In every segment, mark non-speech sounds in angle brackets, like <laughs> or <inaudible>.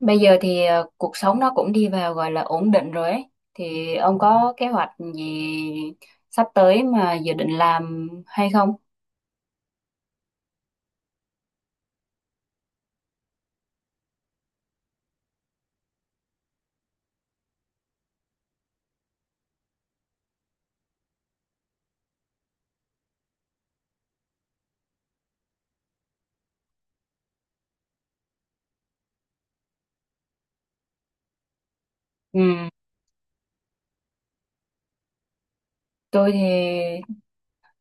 Bây giờ thì cuộc sống nó cũng đi vào gọi là ổn định rồi ấy. Thì ông có kế hoạch gì sắp tới mà dự định làm hay không? Ừ, tôi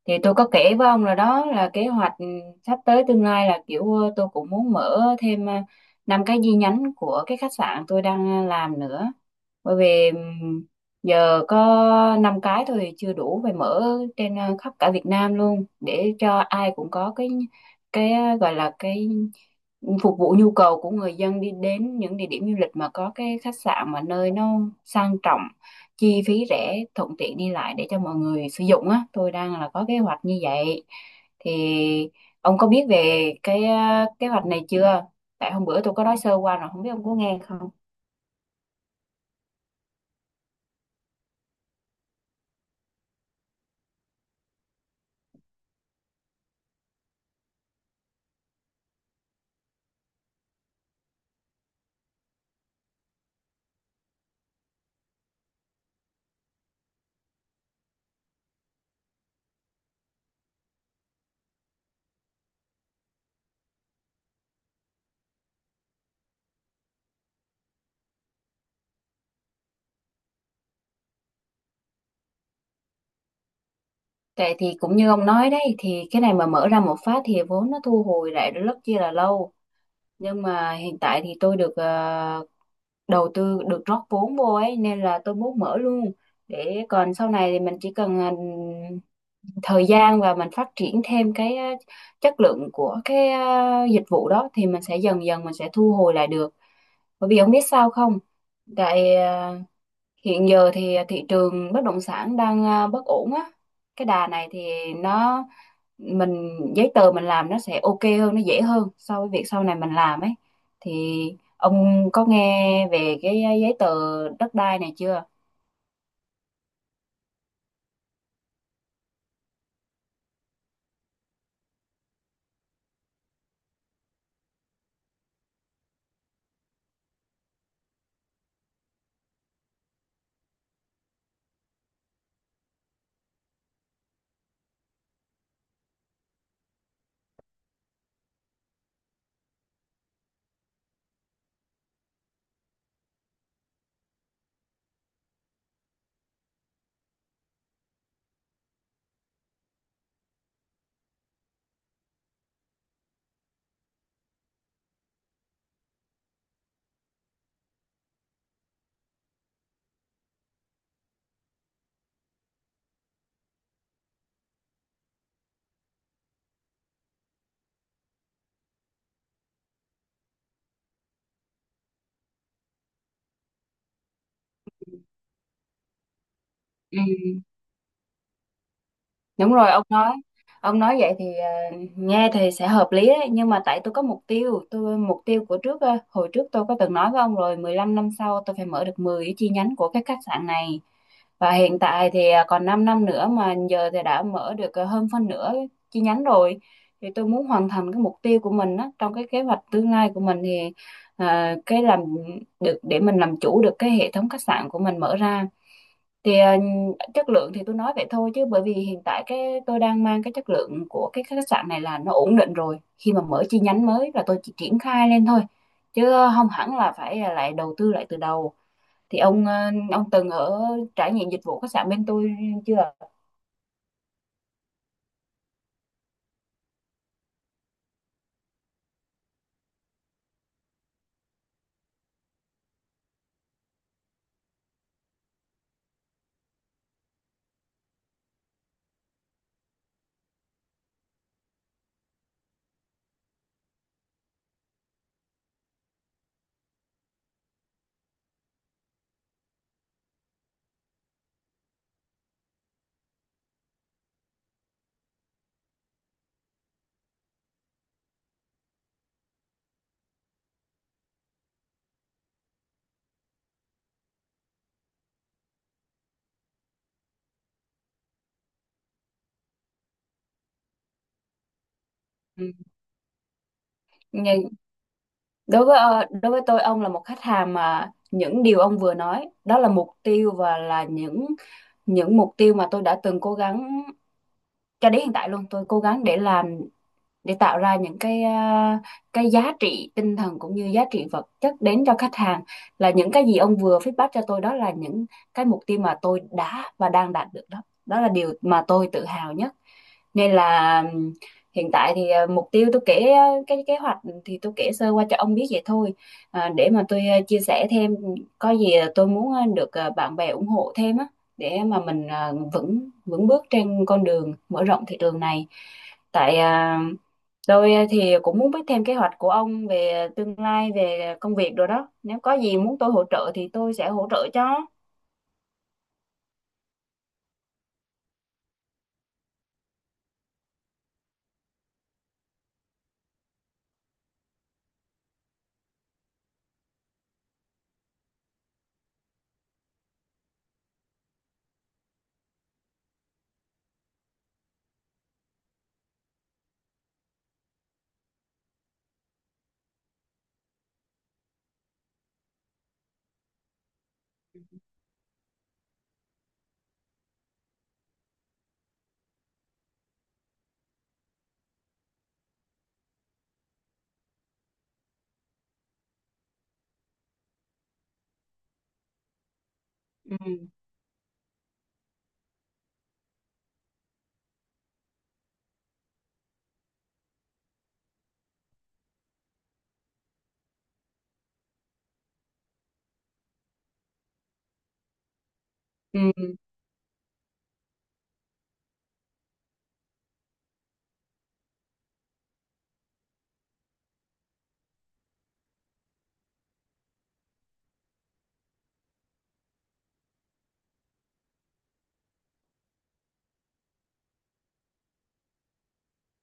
thì tôi có kể với ông rồi đó là kế hoạch sắp tới tương lai là kiểu tôi cũng muốn mở thêm năm cái chi nhánh của cái khách sạn tôi đang làm nữa. Bởi vì giờ có năm cái thôi thì chưa đủ, phải mở trên khắp cả Việt Nam luôn để cho ai cũng có cái gọi là cái phục vụ nhu cầu của người dân đi đến những địa điểm du lịch mà có cái khách sạn mà nơi nó sang trọng, chi phí rẻ, thuận tiện đi lại để cho mọi người sử dụng á. Tôi đang là có kế hoạch như vậy. Thì ông có biết về cái kế hoạch này chưa? Tại hôm bữa tôi có nói sơ qua rồi, không biết ông có nghe không? Tại thì cũng như ông nói đấy, thì cái này mà mở ra một phát thì vốn nó thu hồi lại rất chi là lâu, nhưng mà hiện tại thì tôi được đầu tư, được rót vốn vô ấy, nên là tôi muốn mở luôn để còn sau này thì mình chỉ cần thời gian và mình phát triển thêm cái chất lượng của cái dịch vụ đó, thì mình sẽ dần dần mình sẽ thu hồi lại được. Bởi vì ông biết sao không, tại hiện giờ thì thị trường bất động sản đang bất ổn á, cái đà này thì nó mình giấy tờ mình làm nó sẽ ok hơn, nó dễ hơn so với việc sau này mình làm ấy. Thì ông có nghe về cái giấy tờ đất đai này chưa? Ừ. Đúng rồi, ông nói vậy thì nghe thì sẽ hợp lý đấy, nhưng mà tại tôi có mục tiêu, tôi mục tiêu của trước hồi trước tôi có từng nói với ông rồi, 15 năm sau tôi phải mở được 10 cái chi nhánh của cái khách sạn này, và hiện tại thì còn 5 năm nữa mà giờ thì đã mở được hơn phân nửa chi nhánh rồi. Thì tôi muốn hoàn thành cái mục tiêu của mình á, trong cái kế hoạch tương lai của mình thì cái làm được để mình làm chủ được cái hệ thống khách sạn của mình mở ra. Thì chất lượng thì tôi nói vậy thôi, chứ bởi vì hiện tại cái tôi đang mang cái chất lượng của cái khách sạn này là nó ổn định rồi, khi mà mở chi nhánh mới là tôi chỉ triển khai lên thôi, chứ không hẳn là phải lại đầu tư lại từ đầu. Thì ông từng ở trải nghiệm dịch vụ khách sạn bên tôi chưa? Ừ. Nhưng đối với đối với tôi, ông là một khách hàng mà những điều ông vừa nói đó là mục tiêu, và là những mục tiêu mà tôi đã từng cố gắng cho đến hiện tại luôn. Tôi cố gắng để làm, để tạo ra những cái cái giá trị tinh thần cũng như giá trị vật chất đến cho khách hàng. Là những cái gì ông vừa feedback cho tôi đó là những cái mục tiêu mà tôi đã và đang đạt được đó, đó là điều mà tôi tự hào nhất. Nên là hiện tại thì mục tiêu tôi kể, cái kế hoạch thì tôi kể sơ qua cho ông biết vậy thôi. Để mà tôi chia sẻ thêm, có gì tôi muốn được bạn bè ủng hộ thêm á, để mà mình vững vững bước trên con đường mở rộng thị trường này. Tại tôi thì cũng muốn biết thêm kế hoạch của ông về tương lai, về công việc rồi đó. Nếu có gì muốn tôi hỗ trợ thì tôi sẽ hỗ trợ cho. Ừ, ừ,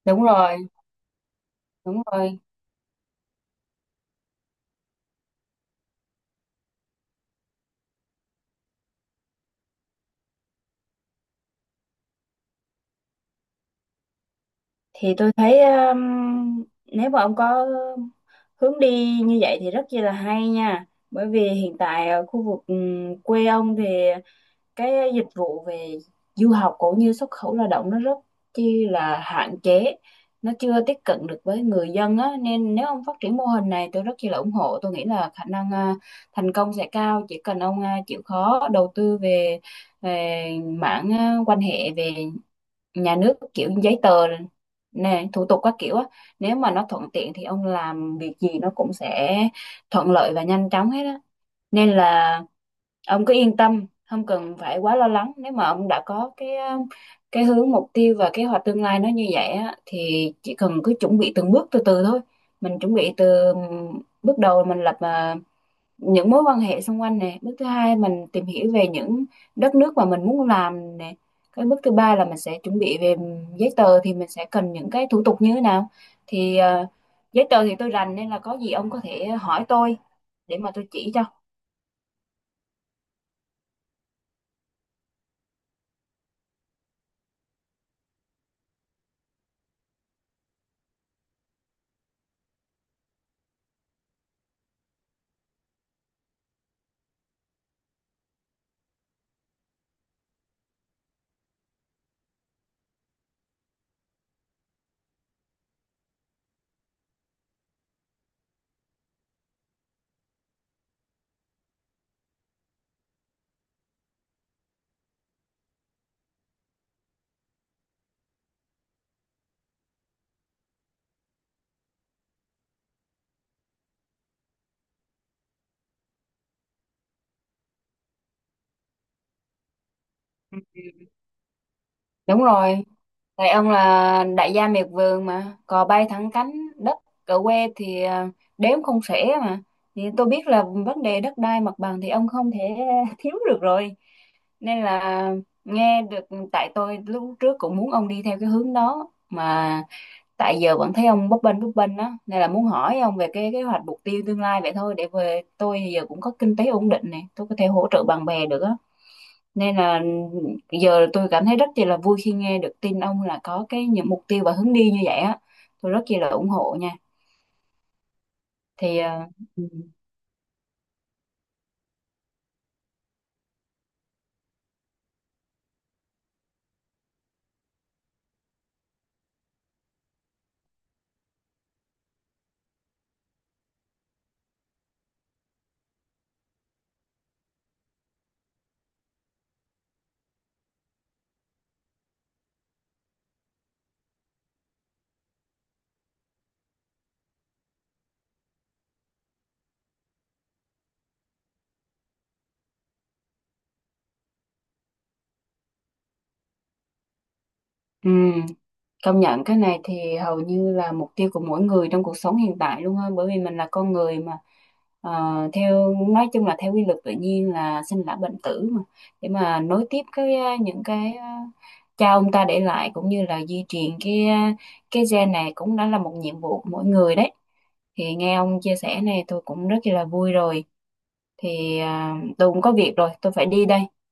đúng rồi, đúng rồi. Thì tôi thấy nếu mà ông có hướng đi như vậy thì rất chi là hay nha. Bởi vì hiện tại ở khu vực quê ông thì cái dịch vụ về du học cũng như xuất khẩu lao động nó rất chi là hạn chế, nó chưa tiếp cận được với người dân á, nên nếu ông phát triển mô hình này tôi rất chi là ủng hộ. Tôi nghĩ là khả năng thành công sẽ cao, chỉ cần ông chịu khó đầu tư về về mảng quan hệ, về nhà nước kiểu giấy tờ nè, thủ tục các kiểu á. Nếu mà nó thuận tiện thì ông làm việc gì nó cũng sẽ thuận lợi và nhanh chóng hết á. Nên là ông cứ yên tâm, không cần phải quá lo lắng. Nếu mà ông đã có cái hướng mục tiêu và kế hoạch tương lai nó như vậy á, thì chỉ cần cứ chuẩn bị từng bước từ từ thôi. Mình chuẩn bị từ bước đầu mình lập những mối quan hệ xung quanh nè, bước thứ hai mình tìm hiểu về những đất nước mà mình muốn làm nè, cái bước thứ ba là mình sẽ chuẩn bị về giấy tờ thì mình sẽ cần những cái thủ tục như thế nào. Thì giấy tờ thì tôi rành, nên là có gì ông có thể hỏi tôi để mà tôi chỉ cho. Đúng rồi. Tại ông là đại gia miệt vườn mà, cò bay thẳng cánh, đất ở quê thì đếm không xuể mà. Thì tôi biết là vấn đề đất đai mặt bằng thì ông không thể <laughs> thiếu được rồi. Nên là nghe được, tại tôi lúc trước cũng muốn ông đi theo cái hướng đó mà, tại giờ vẫn thấy ông bấp bênh đó, nên là muốn hỏi ông về cái kế hoạch mục tiêu tương lai vậy thôi. Để về tôi giờ cũng có kinh tế ổn định này, tôi có thể hỗ trợ bạn bè được á, nên là giờ tôi cảm thấy rất chi là vui khi nghe được tin ông là có cái những mục tiêu và hướng đi như vậy á, tôi rất chi là ủng hộ nha. thì ờ, ừ. Ừ, công nhận cái này thì hầu như là mục tiêu của mỗi người trong cuộc sống hiện tại luôn á, bởi vì mình là con người mà. Ờ, theo nói chung là theo quy luật tự nhiên là sinh lão bệnh tử mà, để mà nối tiếp cái những cái cha ông ta để lại, cũng như là di truyền cái cái gen này, cũng đã là một nhiệm vụ của mỗi người đấy. Thì nghe ông chia sẻ này tôi cũng rất là vui rồi. Thì tôi cũng có việc rồi, tôi phải đi đây.